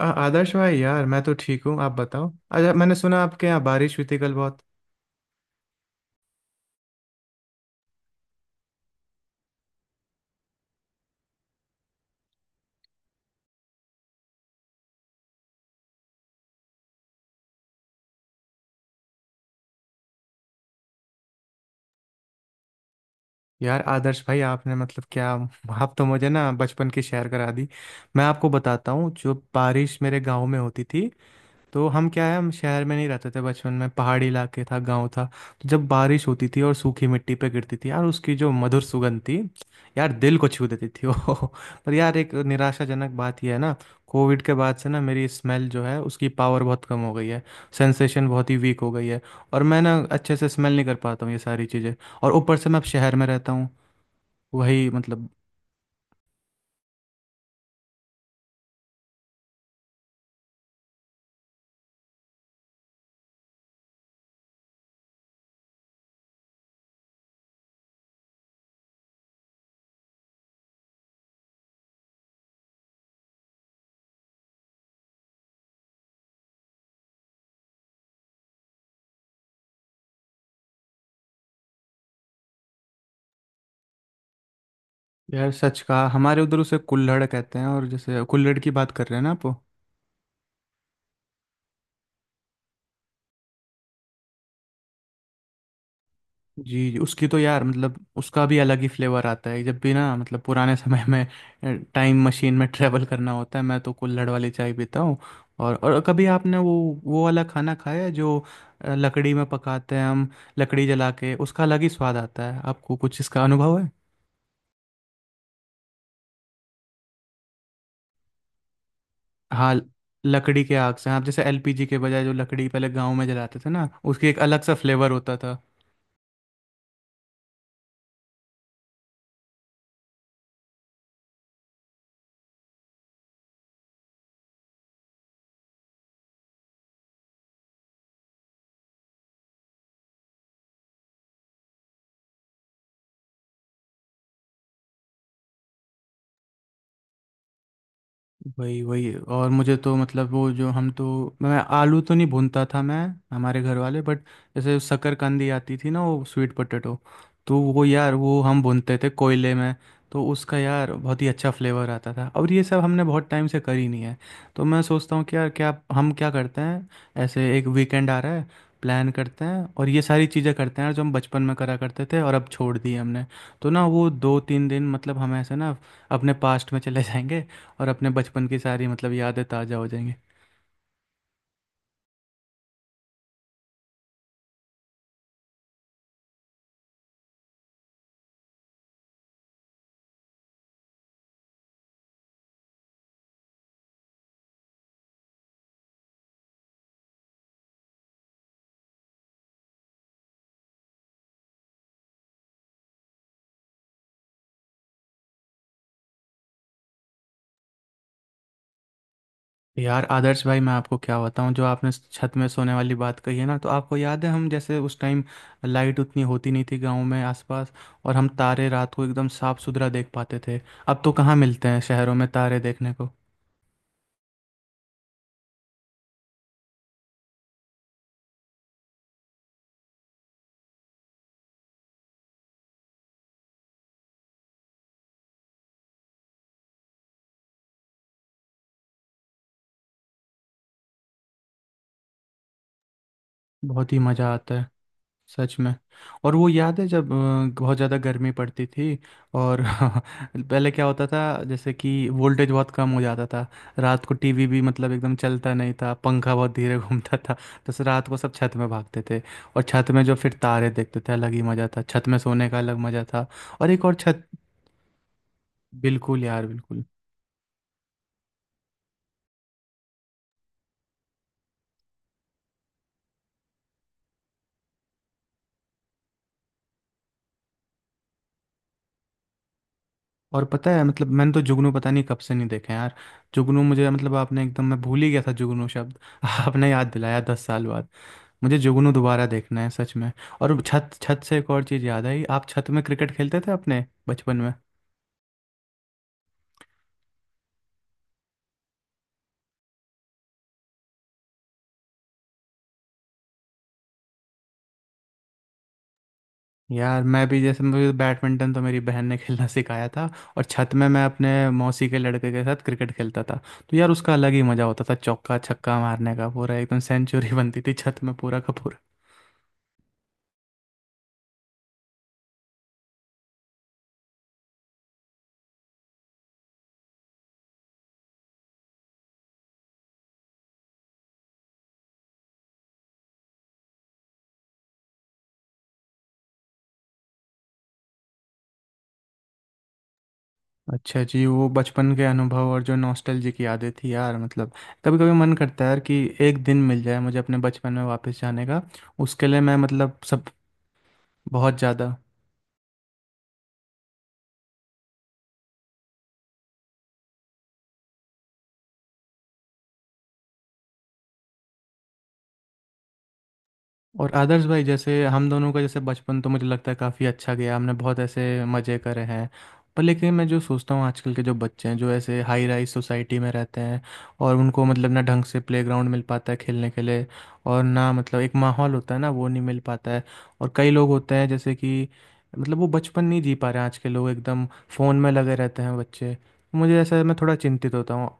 आदर्श भाई, यार मैं तो ठीक हूँ। आप बताओ। अच्छा, मैंने सुना आपके यहाँ बारिश हुई थी कल बहुत। यार आदर्श भाई, आपने मतलब क्या, आप तो मुझे ना बचपन की शेयर करा दी। मैं आपको बताता हूँ जो बारिश मेरे गांव में होती थी, तो हम क्या है, हम शहर में नहीं रहते थे बचपन में, पहाड़ी इलाके था, गांव था। तो जब बारिश होती थी और सूखी मिट्टी पे गिरती थी यार, उसकी जो मधुर सुगंध थी यार, दिल को छू देती थी वो। पर यार एक निराशाजनक बात यह है ना, कोविड के बाद से ना मेरी स्मेल जो है उसकी पावर बहुत कम हो गई है। सेंसेशन बहुत ही वीक हो गई है। और मैं ना अच्छे से स्मेल नहीं कर पाता हूँ ये सारी चीज़ें। और ऊपर से मैं अब शहर में रहता हूँ। वही, मतलब। यार सच कहा, हमारे उधर उसे कुल्हड़ कहते हैं, और जैसे कुल्हड़ की बात कर रहे हैं ना आप। जी जी, उसकी तो यार मतलब उसका भी अलग ही फ्लेवर आता है, जब भी ना मतलब पुराने समय में टाइम मशीन में ट्रेवल करना होता है, मैं तो कुल्हड़ वाली चाय पीता हूँ। और कभी आपने वो वाला खाना खाया है जो लकड़ी में पकाते हैं हम। लकड़ी जला के उसका अलग ही स्वाद आता है। आपको कुछ इसका अनुभव है? हाँ। लकड़ी के आग से, आप जैसे एलपीजी के बजाय जो लकड़ी पहले गांव में जलाते थे ना, उसकी एक अलग सा फ्लेवर होता था। वही वही। और मुझे तो मतलब वो जो हम तो, मैं आलू तो नहीं भूनता था मैं, हमारे घर वाले। बट जैसे शकरकंदी आती थी ना, वो स्वीट पोटैटो, तो वो यार वो हम भूनते थे कोयले में। तो उसका यार बहुत ही अच्छा फ्लेवर आता था, और ये सब हमने बहुत टाइम से करी नहीं है। तो मैं सोचता हूँ कि यार क्या, हम क्या करते हैं, ऐसे एक वीकेंड आ रहा है, प्लान करते हैं और ये सारी चीज़ें करते हैं यार, जो हम बचपन में करा करते थे और अब छोड़ दी हमने। तो ना वो 2-3 दिन मतलब हम ऐसे ना अपने पास्ट में चले जाएंगे, और अपने बचपन की सारी मतलब यादें ताज़ा हो जाएंगी। यार आदर्श भाई, मैं आपको क्या बताऊं, जो आपने छत में सोने वाली बात कही है ना, तो आपको याद है हम जैसे उस टाइम लाइट उतनी होती नहीं थी गांव में आसपास, और हम तारे रात को एकदम साफ सुथरा देख पाते थे। अब तो कहाँ मिलते हैं शहरों में तारे देखने को। बहुत ही मज़ा आता है, सच में। और वो याद है जब बहुत ज़्यादा गर्मी पड़ती थी, और पहले क्या होता था, जैसे कि वोल्टेज बहुत कम हो जाता था, रात को टीवी भी मतलब एकदम चलता नहीं था, पंखा बहुत धीरे घूमता था। तो से रात को सब छत में भागते थे, और छत में जो फिर तारे देखते थे, अलग ही मज़ा था, छत में सोने का अलग मज़ा था। और एक और छत। बिल्कुल यार, बिल्कुल। और पता है, मतलब मैंने तो जुगनू पता नहीं कब से नहीं देखे यार। जुगनू मुझे मतलब, आपने एकदम, मैं भूल ही गया था जुगनू शब्द, आपने याद दिलाया, 10 साल। मुझे जुगनू दोबारा देखना है सच में। और छत छत से एक और चीज़ याद आई। आप छत में क्रिकेट खेलते थे अपने बचपन में? यार मैं भी, जैसे मुझे बैडमिंटन तो मेरी बहन ने खेलना सिखाया था, और छत में मैं अपने मौसी के लड़के के साथ क्रिकेट खेलता था। तो यार उसका अलग ही मज़ा होता था, चौका छक्का मारने का, पूरा एकदम सेंचुरी बनती थी छत में, पूरा का पूरा। अच्छा जी, वो बचपन के अनुभव और जो नॉस्टैल्जी की यादें थी यार, मतलब कभी कभी मन करता है यार कि एक दिन मिल जाए मुझे अपने बचपन में वापस जाने का। उसके लिए मैं मतलब सब। बहुत ज़्यादा। और आदर्श भाई, जैसे हम दोनों का जैसे बचपन, तो मुझे लगता है काफ़ी अच्छा गया, हमने बहुत ऐसे मज़े करे हैं। पर लेकिन मैं जो सोचता हूँ, आजकल के जो बच्चे हैं, जो ऐसे हाई राइज सोसाइटी में रहते हैं, और उनको मतलब ना ढंग से प्लेग्राउंड मिल पाता है खेलने के लिए, और ना मतलब एक माहौल होता है ना, वो नहीं मिल पाता है। और कई लोग होते हैं जैसे कि, मतलब वो बचपन नहीं जी पा रहे हैं आज के लोग, एकदम फ़ोन में लगे रहते हैं बच्चे। मुझे ऐसा, मैं थोड़ा चिंतित होता हूँ।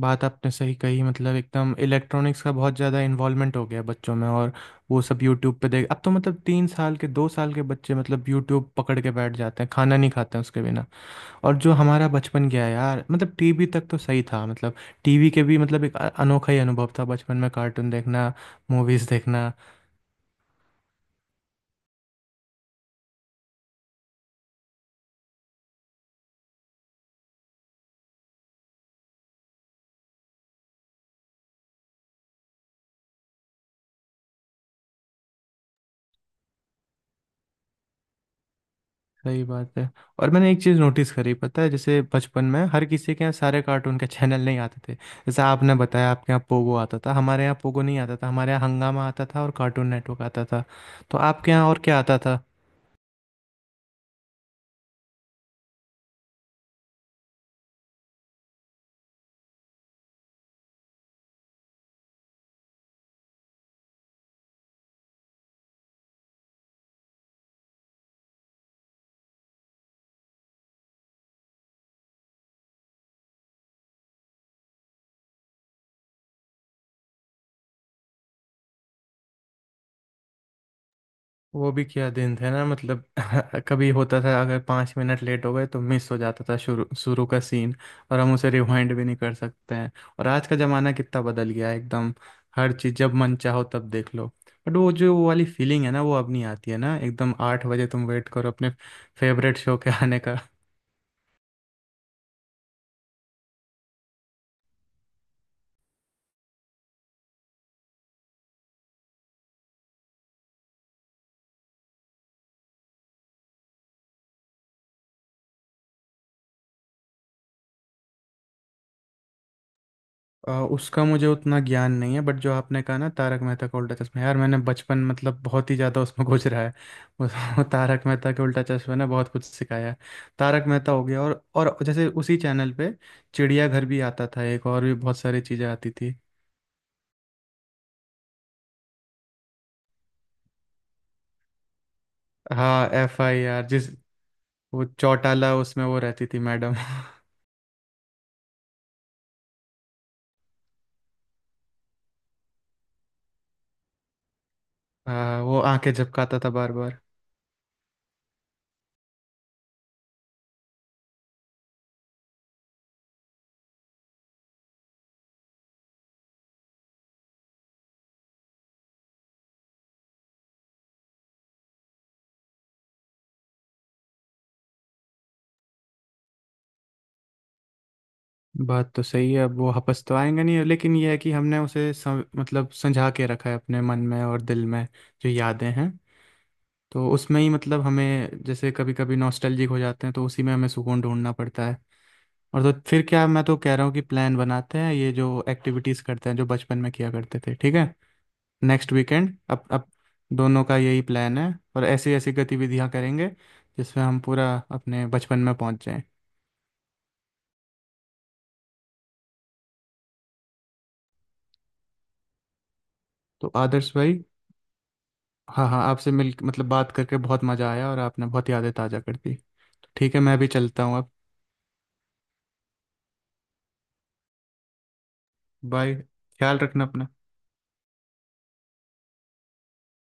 बात आपने सही कही, मतलब एकदम इलेक्ट्रॉनिक्स का बहुत ज़्यादा इन्वॉल्वमेंट हो गया है बच्चों में, और वो सब यूट्यूब पे देख। अब तो मतलब 3 साल के, 2 साल के बच्चे मतलब यूट्यूब पकड़ के बैठ जाते हैं, खाना नहीं खाते हैं उसके बिना। और जो हमारा बचपन गया है यार, मतलब टीवी तक तो सही था, मतलब टीवी के भी मतलब एक अनोखा ही अनुभव था बचपन में, कार्टून देखना, मूवीज़ देखना। सही बात है। और मैंने एक चीज़ नोटिस करी, पता है, जैसे बचपन में हर किसी के यहाँ सारे कार्टून के चैनल नहीं आते थे, जैसे आपने बताया आपके यहाँ पोगो आता था, हमारे यहाँ पोगो नहीं आता था, हमारे यहाँ हंगामा आता था और कार्टून नेटवर्क आता था। तो आपके यहाँ और क्या आता था? वो भी क्या दिन थे ना मतलब। कभी होता था अगर 5 मिनट लेट हो गए तो मिस हो जाता था शुरू शुरू का सीन, और हम उसे रिवाइंड भी नहीं कर सकते हैं। और आज का ज़माना कितना बदल गया है एकदम, हर चीज़ जब मन चाहो तब देख लो। बट वो जो वो वाली फीलिंग है ना वो अब नहीं आती है ना, एकदम 8 बजे तुम वेट करो अपने फेवरेट शो के आने का। उसका मुझे उतना ज्ञान नहीं है, बट जो आपने कहा ना तारक मेहता का उल्टा चश्मा, यार मैंने बचपन, मतलब बहुत ही ज़्यादा उसमें घुस रहा है, उस, वो तारक मेहता के उल्टा चश्मा ने बहुत कुछ सिखाया है। तारक मेहता हो गया, और जैसे उसी चैनल पे चिड़ियाघर भी आता था, एक और भी बहुत सारी चीज़ें आती थी। हाँ एफ आई आर, जिस, वो चौटाला उसमें वो रहती थी मैडम। हाँ वो आंखें झपकाता था बार बार। बात तो सही है, अब वो हपस तो आएंगे नहीं, लेकिन ये है कि हमने उसे मतलब संजा के रखा है अपने मन में और दिल में, जो यादें हैं, तो उसमें ही मतलब हमें जैसे कभी कभी नॉस्टैल्जिक हो जाते हैं तो उसी में हमें सुकून ढूंढना पड़ता है। और तो फिर क्या, मैं तो कह रहा हूँ कि प्लान बनाते हैं, ये जो एक्टिविटीज़ करते हैं जो बचपन में किया करते थे, ठीक है? नेक्स्ट वीकेंड, अब दोनों का यही प्लान है, और ऐसी ऐसी गतिविधियाँ करेंगे जिसमें हम पूरा अपने बचपन में पहुँच जाएं। तो आदर्श भाई, हाँ हाँ, आपसे मिल मतलब बात करके बहुत मज़ा आया, और आपने बहुत यादें ताज़ा कर दी। ठीक है, मैं भी चलता हूँ अब। बाय। ख्याल रखना अपना।